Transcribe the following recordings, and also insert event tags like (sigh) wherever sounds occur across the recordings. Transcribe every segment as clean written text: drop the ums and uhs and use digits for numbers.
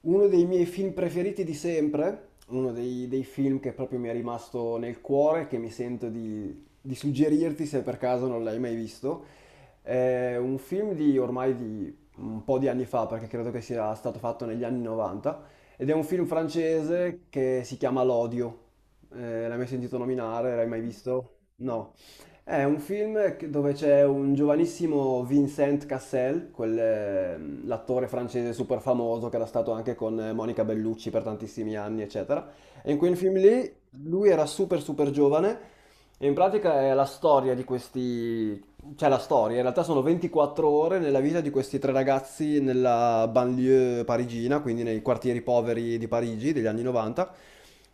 Uno dei miei film preferiti di sempre, uno dei film che proprio mi è rimasto nel cuore, che mi sento di suggerirti se per caso non l'hai mai visto, è un film di ormai di un po' di anni fa, perché credo che sia stato fatto negli anni 90, ed è un film francese che si chiama L'Odio. L'hai mai sentito nominare? L'hai mai visto? No. È un film che- Dove c'è un giovanissimo Vincent Cassel, l'attore francese super famoso che era stato anche con Monica Bellucci per tantissimi anni, eccetera. E in quel film lì lui era super super giovane e in pratica è la storia di questi c'è la storia, in realtà sono 24 ore nella vita di questi tre ragazzi nella banlieue parigina, quindi nei quartieri poveri di Parigi degli anni 90,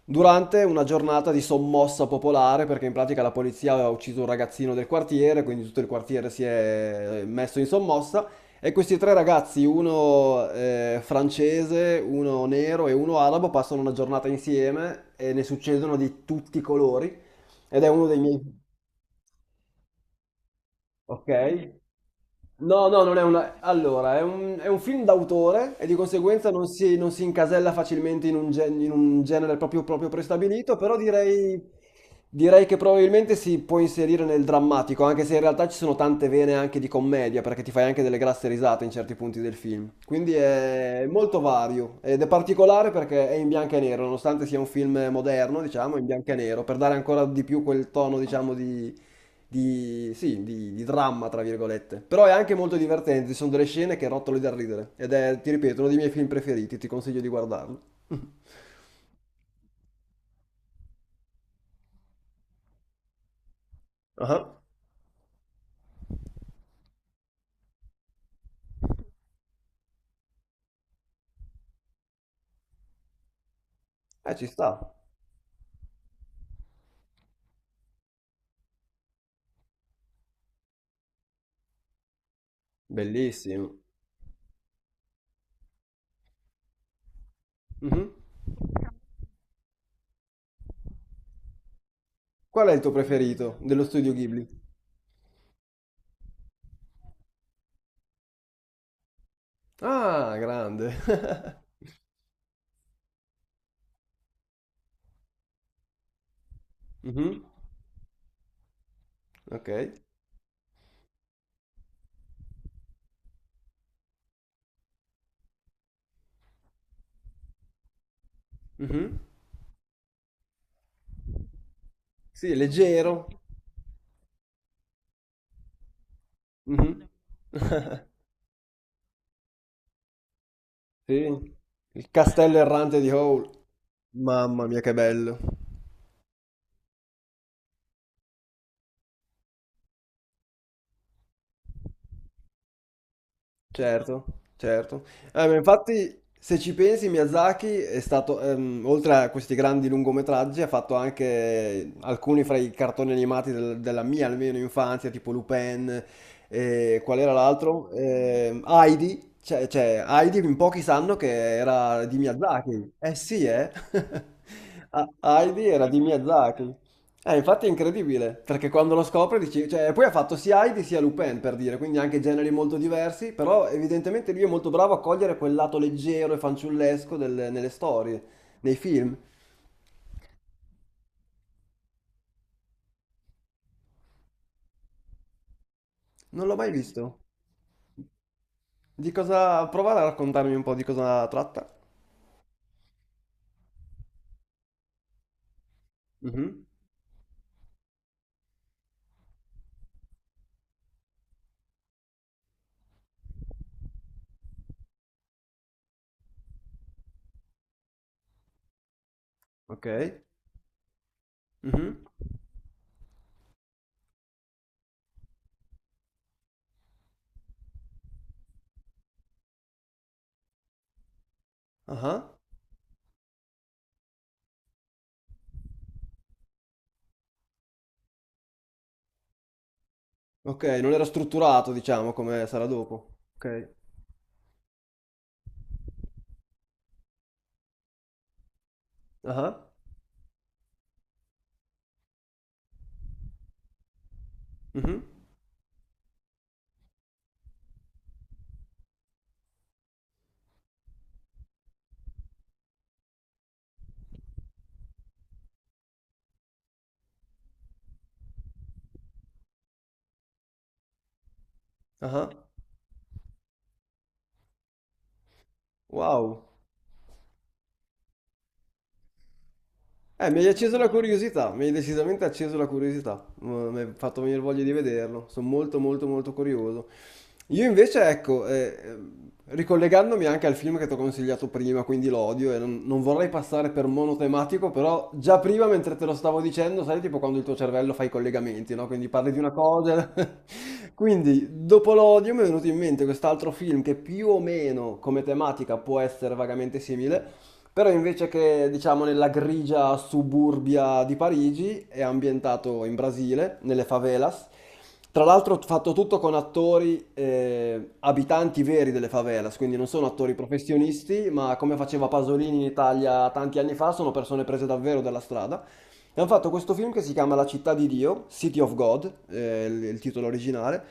durante una giornata di sommossa popolare, perché in pratica la polizia aveva ucciso un ragazzino del quartiere, quindi tutto il quartiere si è messo in sommossa, e questi tre ragazzi, uno francese, uno nero e uno arabo, passano una giornata insieme e ne succedono di tutti i colori, ed è uno dei miei. Ok? No, no, non è una. Allora, è un film d'autore e di conseguenza non si incasella facilmente in un genere proprio, proprio prestabilito, però direi che probabilmente si può inserire nel drammatico, anche se in realtà ci sono tante vene anche di commedia, perché ti fai anche delle grasse risate in certi punti del film. Quindi è molto vario ed è particolare perché è in bianco e nero, nonostante sia un film moderno, diciamo, in bianco e nero, per dare ancora di più quel tono, diciamo, di, sì, di dramma, tra virgolette. Però è anche molto divertente, ci sono delle scene che rotolo da ridere. Ed è, ti ripeto, uno dei miei film preferiti, ti consiglio di guardarlo. (laughs) Ah, ci sta. Bellissimo. Mhm. Qual è il tuo preferito dello studio Ghibli? Ah, grande. (laughs) Mhm, ok. Mhm. Sì, leggero. Mhm. (laughs) Sì. Il castello errante di Howl. Mamma mia, che bello. Certo, certo. Ma infatti, se ci pensi, Miyazaki è stato, oltre a questi grandi lungometraggi, ha fatto anche alcuni fra i cartoni animati della mia, almeno infanzia, tipo Lupin, e qual era l'altro? Heidi, cioè, Heidi in pochi sanno che era di Miyazaki. Eh sì, eh? (laughs) Ah, Heidi era di Miyazaki. Infatti è incredibile, perché quando lo scopre dici, cioè, poi ha fatto sia Heidi sia Lupin per dire, quindi anche generi molto diversi, però evidentemente lui è molto bravo a cogliere quel lato leggero e fanciullesco nelle storie, nei film. Non l'ho mai visto. Di cosa. Prova a raccontarmi un po' di cosa tratta. Mhm, ok. Mhm, aha. Ok, non era strutturato, diciamo, come sarà dopo. Ok. Ah. Mhm, aha, wow. Mi hai acceso la curiosità, mi hai decisamente acceso la curiosità. Mm, mi hai fatto venire voglia di vederlo, sono molto molto molto curioso. Io invece, ecco, ricollegandomi anche al film che ti ho consigliato prima, quindi l'odio, e non vorrei passare per monotematico, però già prima mentre te lo stavo dicendo, sai, tipo quando il tuo cervello fa i collegamenti, no? Quindi parli di una cosa. (laughs) Quindi, dopo l'odio mi è venuto in mente quest'altro film che più o meno come tematica può essere vagamente simile, però invece che diciamo nella grigia suburbia di Parigi, è ambientato in Brasile, nelle favelas. Tra l'altro fatto tutto con attori abitanti veri delle favelas, quindi non sono attori professionisti, ma come faceva Pasolini in Italia tanti anni fa, sono persone prese davvero dalla strada. E hanno fatto questo film che si chiama La città di Dio, City of God, il titolo originale,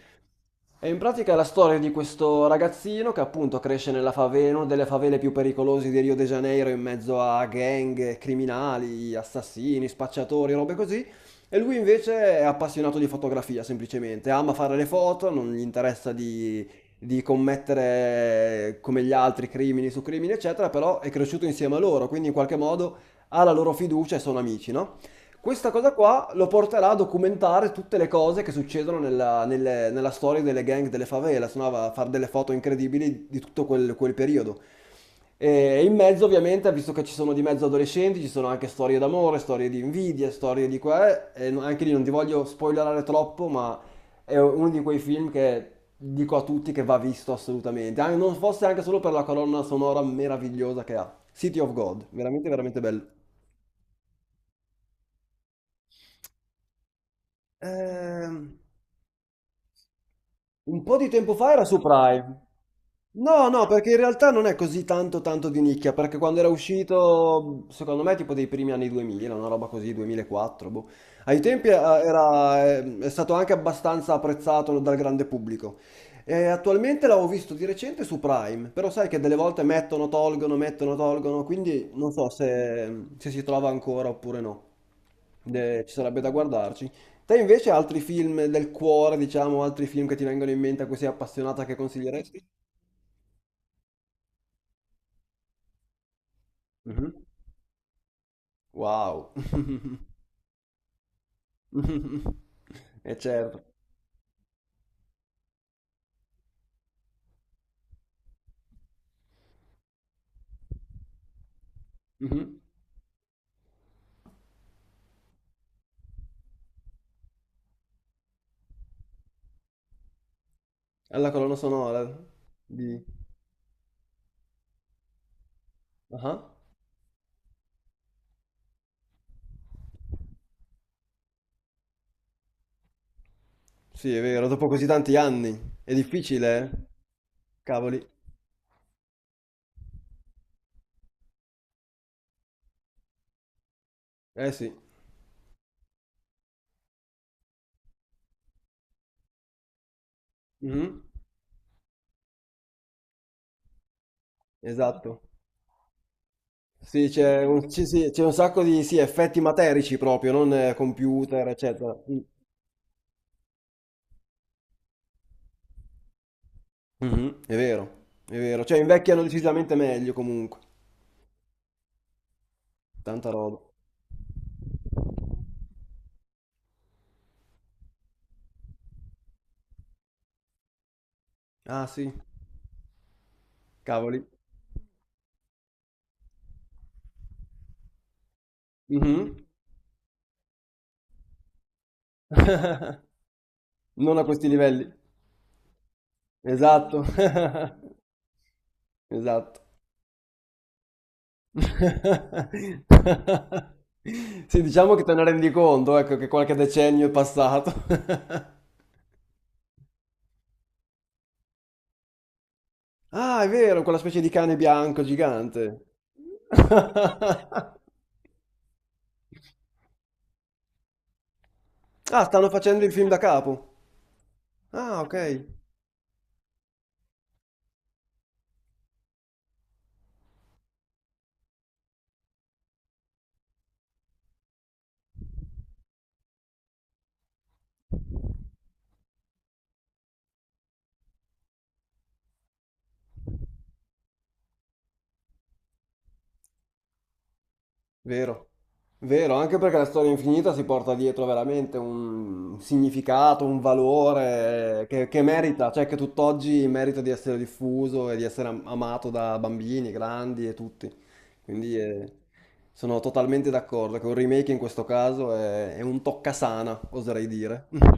è in pratica la storia di questo ragazzino che appunto cresce nella favela, in una delle favele più pericolose di Rio de Janeiro, in mezzo a gang, criminali, assassini, spacciatori, robe così. E lui invece è appassionato di fotografia, semplicemente. Ama fare le foto, non gli interessa di commettere come gli altri crimini su crimini, eccetera, però è cresciuto insieme a loro, quindi in qualche modo ha la loro fiducia e sono amici, no? Questa cosa qua lo porterà a documentare tutte le cose che succedono nella storia delle gang delle favelas, no? Va a fare delle foto incredibili di tutto quel periodo. E in mezzo, ovviamente, visto che ci sono di mezzo adolescenti, ci sono anche storie d'amore, storie di invidia, storie di qua, e no- anche lì non ti voglio spoilerare troppo, ma è uno di quei film che dico a tutti che va visto assolutamente, non fosse anche solo per la colonna sonora meravigliosa che ha. City of God, veramente veramente bello. Ehm, Un po' di tempo fa era su Prime. No, no, perché in realtà non è così tanto tanto di nicchia, perché quando era uscito, secondo me, tipo dei primi anni 2000, una roba così, 2004, boh. Ai tempi era, è stato anche abbastanza apprezzato dal grande pubblico. E attualmente l'avevo visto di recente su Prime, però sai che delle volte mettono, tolgono, quindi non so se si trova ancora oppure no. Ci sarebbe da guardarci. Te invece altri film del cuore, diciamo, altri film che ti vengono in mente a cui sei appassionata che consiglieresti? Mhm. Wow. (laughs) E certo. Mhm. È la colonna sonora di. Ah. Sì, è vero, dopo così tanti anni. È difficile, eh? Cavoli. Eh sì. Mhm. Esatto. Sì, c'è sì, sì, c'è un sacco di sì, effetti materici proprio, non computer, eccetera. Mm. Mhm, è vero, è vero. Cioè invecchiano decisamente meglio comunque. Tanta roba. Ah sì, cavoli. Mh-mh. (laughs) Non a questi livelli. Esatto. (laughs) Esatto. (laughs) Sì, diciamo che te ne rendi conto, ecco, che qualche decennio è passato. (laughs) Ah, è vero, quella specie di cane bianco gigante. (laughs) Ah, stanno facendo il film da capo. Ah, ok. Vero, vero, anche perché la storia infinita si porta dietro veramente un significato, un valore che merita, cioè che tutt'oggi merita di essere diffuso e di essere amato da bambini, grandi e tutti. Quindi sono totalmente d'accordo che un remake in questo caso è un toccasana, oserei dire.